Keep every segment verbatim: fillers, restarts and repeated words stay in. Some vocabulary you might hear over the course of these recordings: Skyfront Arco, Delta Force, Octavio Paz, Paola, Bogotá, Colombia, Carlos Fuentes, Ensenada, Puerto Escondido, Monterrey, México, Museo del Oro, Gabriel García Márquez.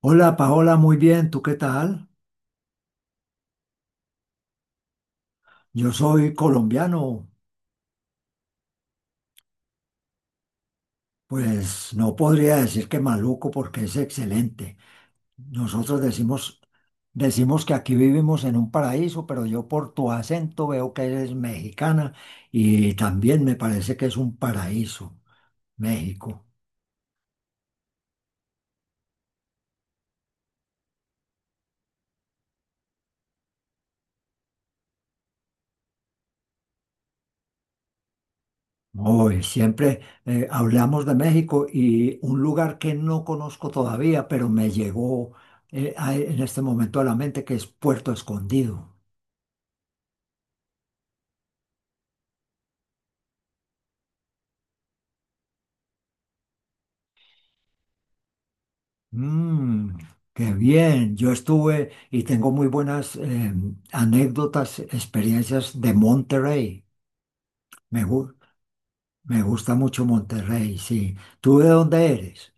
Hola Paola, muy bien, ¿tú qué tal? Yo soy colombiano, pues no podría decir que maluco porque es excelente. Nosotros decimos, decimos que aquí vivimos en un paraíso, pero yo por tu acento veo que eres mexicana y también me parece que es un paraíso, México. Hoy siempre eh, hablamos de México y un lugar que no conozco todavía, pero me llegó eh, a- en este momento a la mente que es Puerto Escondido. Mm, qué bien. Yo estuve y tengo muy buenas eh, anécdotas, experiencias de Monterrey. Me, gu- Me gusta mucho Monterrey, sí. ¿Tú de dónde eres?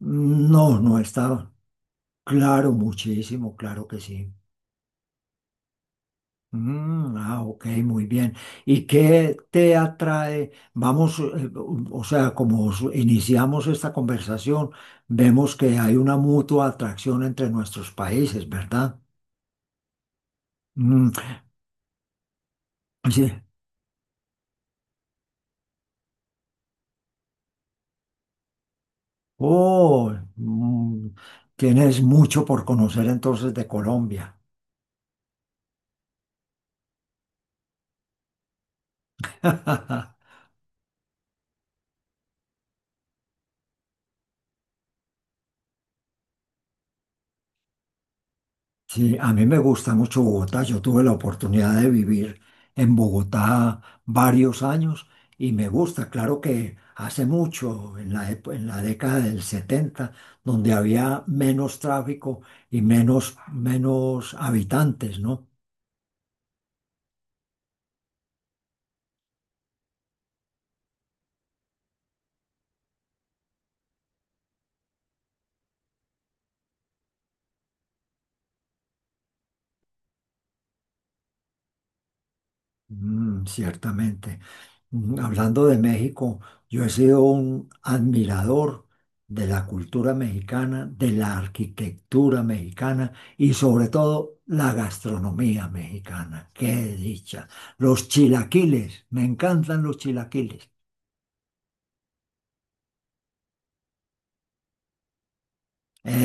Mm, no, no estaba. Claro, muchísimo, claro que sí. Mm, ah, ok, muy bien. ¿Y qué te atrae? Vamos, eh, o o sea, como s- iniciamos esta conversación, vemos que hay una mutua atracción entre nuestros países, ¿verdad? Mm, sí. Oh, mm, tienes mucho por conocer entonces de Colombia. Sí, a mí me gusta mucho Bogotá. Yo tuve la oportunidad de vivir en Bogotá varios años y me gusta. Claro que hace mucho, en la, epo- en la década del setenta, donde había menos tráfico y menos, menos habitantes, ¿no? Mm, ciertamente. Mm, hablando de México, yo he sido un admirador de la cultura mexicana, de la arquitectura mexicana y sobre todo la gastronomía mexicana. Qué dicha. Los chilaquiles, me encantan los chilaquiles.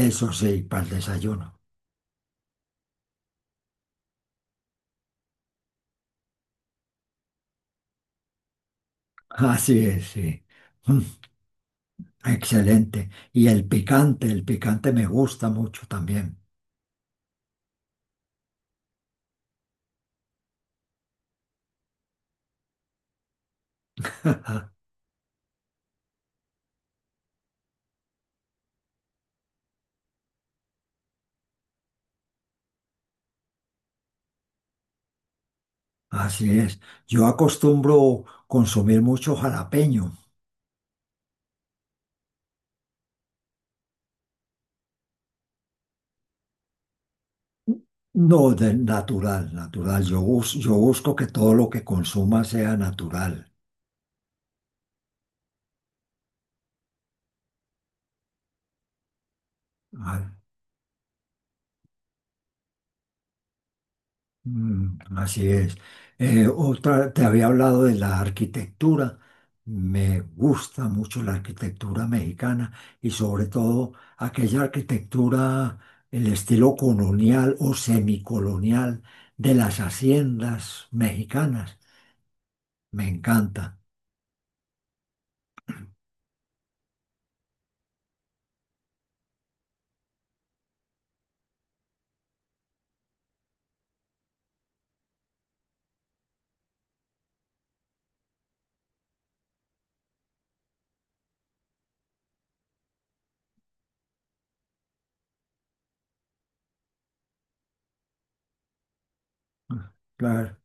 Eso sí, para el desayuno. Así es, sí. Mm, excelente. Y el picante, el picante me gusta mucho también. Así es. Yo acostumbro consumir mucho jalapeño. No, de- natural, natural. Yo, bus- yo busco que todo lo que consuma sea natural. Ah, mm, así es. Eh, otra, te había hablado de la arquitectura. Me gusta mucho la arquitectura mexicana y sobre todo aquella arquitectura, el estilo colonial o semicolonial de las haciendas mexicanas. Me encanta. Claro,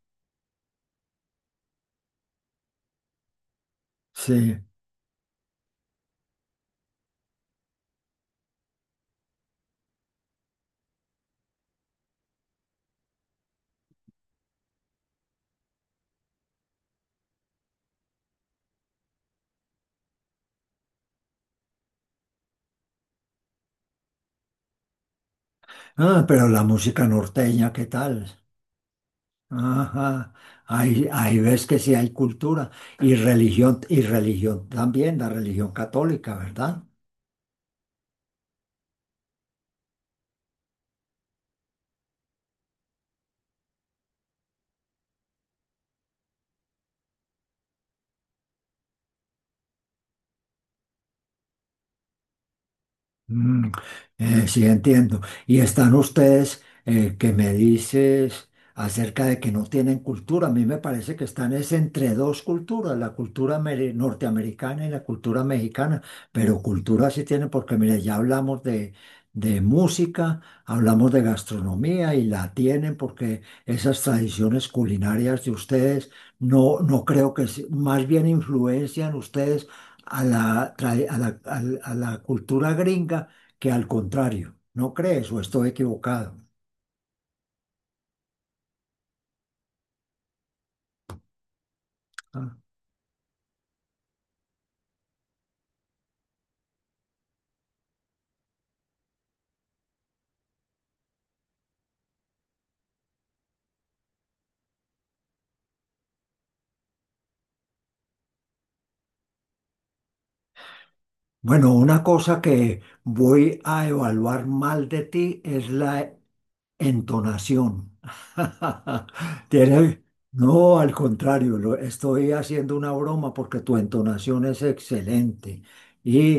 sí. Ah, pero la música norteña, ¿qué tal? Ajá. Ahí, ahí ves que sí hay cultura y religión, y religión también, la religión católica, ¿verdad? Mm, eh, sí, entiendo. Y están ustedes eh, que me dices acerca de que no tienen cultura. A mí me parece que están es entre dos culturas, la cultura mere- norteamericana y la cultura mexicana. Pero cultura sí tienen porque, mire, ya hablamos de, de música, hablamos de gastronomía y la tienen porque esas tradiciones culinarias de ustedes no, no creo que, se- más bien influencian ustedes a la, trae- a la, al- a la cultura gringa que al contrario. ¿No crees o estoy equivocado? Ah. Bueno, una cosa que voy a evaluar mal de ti es la entonación. Tiene, no, al contrario, lo- estoy haciendo una broma porque tu entonación es excelente y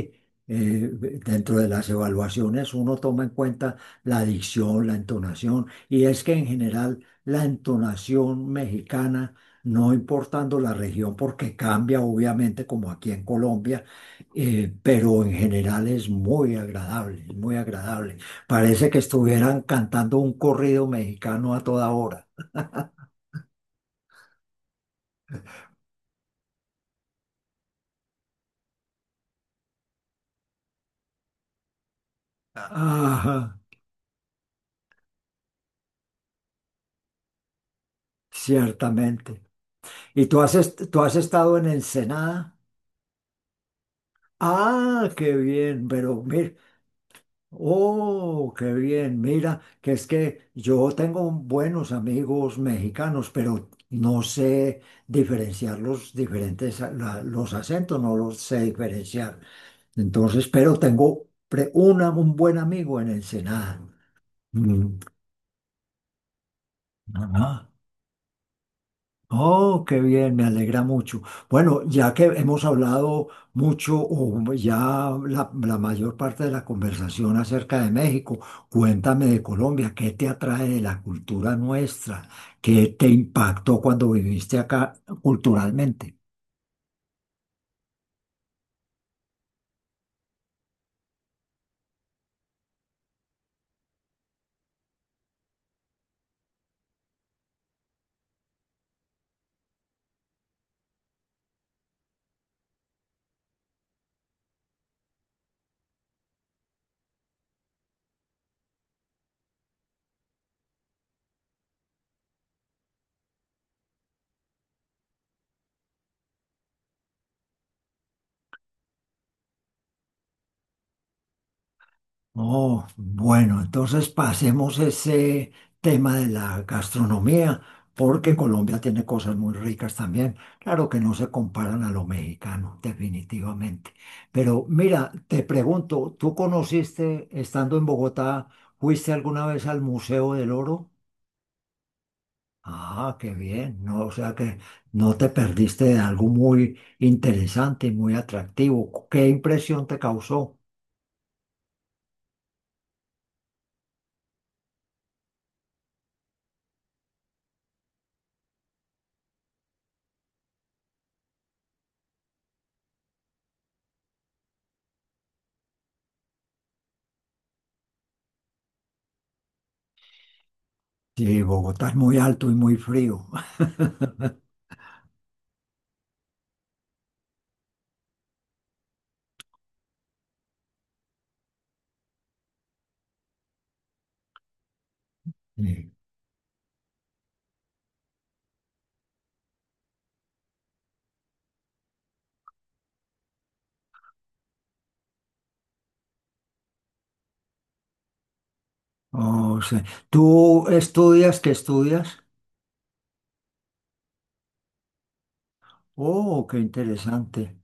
eh, dentro de las evaluaciones uno toma en cuenta la dicción, la entonación y es que en general la entonación mexicana, no importando la región porque cambia obviamente como aquí en Colombia, eh, pero en general es muy agradable, es muy agradable. Parece que estuvieran cantando un corrido mexicano a toda hora. Ajá, ciertamente. ¿Y tú has, est- tú has estado en Ensenada? Ah, qué bien, pero mira, oh, qué bien, mira, que es que yo tengo buenos amigos mexicanos, pero no sé diferenciar los diferentes, a- la- los acentos, no los sé diferenciar. Entonces, pero tengo pre- una- un buen amigo en Ensenada. Mm, ajá. Oh, qué bien, me alegra mucho. Bueno, ya que hemos hablado mucho, o ya la, la mayor parte de la conversación acerca de México, cuéntame de Colombia, ¿qué te atrae de la cultura nuestra? ¿Qué te impactó cuando viviste acá culturalmente? Oh, bueno, entonces pasemos ese tema de la gastronomía, porque Colombia tiene cosas muy ricas también. Claro que no se comparan a lo mexicano, definitivamente. Pero mira, te pregunto, ¿tú conociste, estando en Bogotá, fuiste alguna vez al Museo del Oro? Ah, qué bien, no, o sea que no te perdiste de algo muy interesante y muy atractivo. ¿Qué impresión te causó? Sí, Bogotá es muy alto y muy frío. Oh, sí. ¿Tú estudias? ¿Qué estudias? Oh, qué interesante.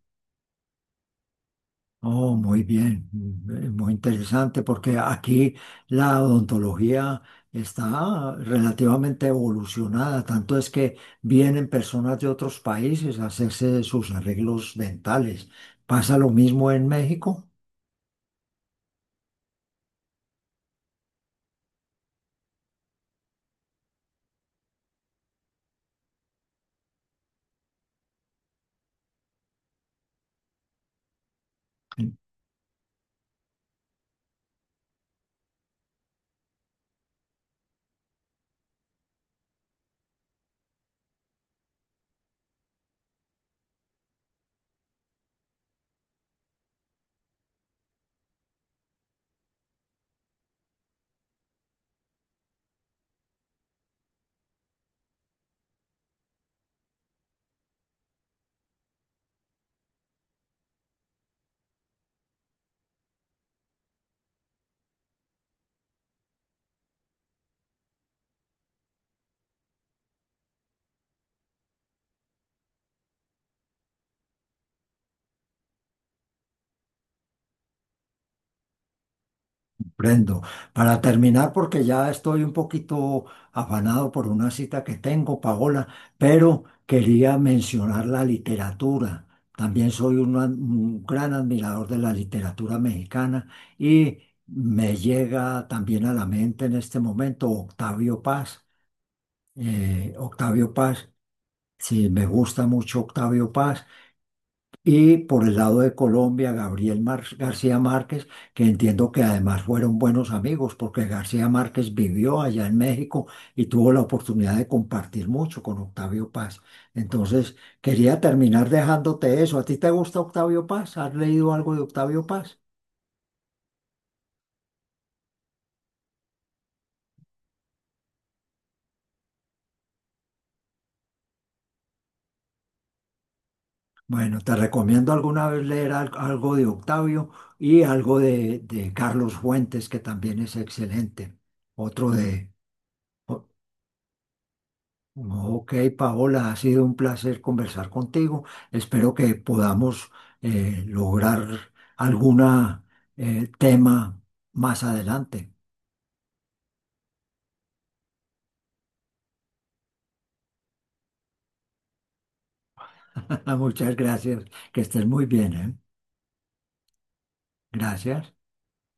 Oh, muy bien. Mm, eh, muy interesante porque aquí la odontología está relativamente evolucionada. Tanto es que vienen personas de otros países a hacerse sus arreglos dentales. ¿Pasa lo mismo en México? Prendo. Para terminar, porque ya estoy un poquito afanado por una cita que tengo, Paola, pero quería mencionar la literatura. También soy un, ad- un gran admirador de la literatura mexicana y me llega también a la mente en este momento Octavio Paz. Eh, Octavio Paz, sí, me gusta mucho Octavio Paz. Y por el lado de Colombia, Gabriel Mar- García Márquez, que entiendo que además fueron buenos amigos, porque García Márquez vivió allá en México y tuvo la oportunidad de compartir mucho con Octavio Paz. Entonces, quería terminar dejándote eso. ¿A ti te gusta Octavio Paz? ¿Has leído algo de Octavio Paz? Bueno, te recomiendo alguna vez leer al- algo de Octavio y algo de, de Carlos Fuentes, que también es excelente. Otro de, ok, Paola, ha sido un placer conversar contigo. Espero que podamos eh, lograr algún tema más adelante. Muchas gracias, que estés muy bien, ¿eh? Gracias.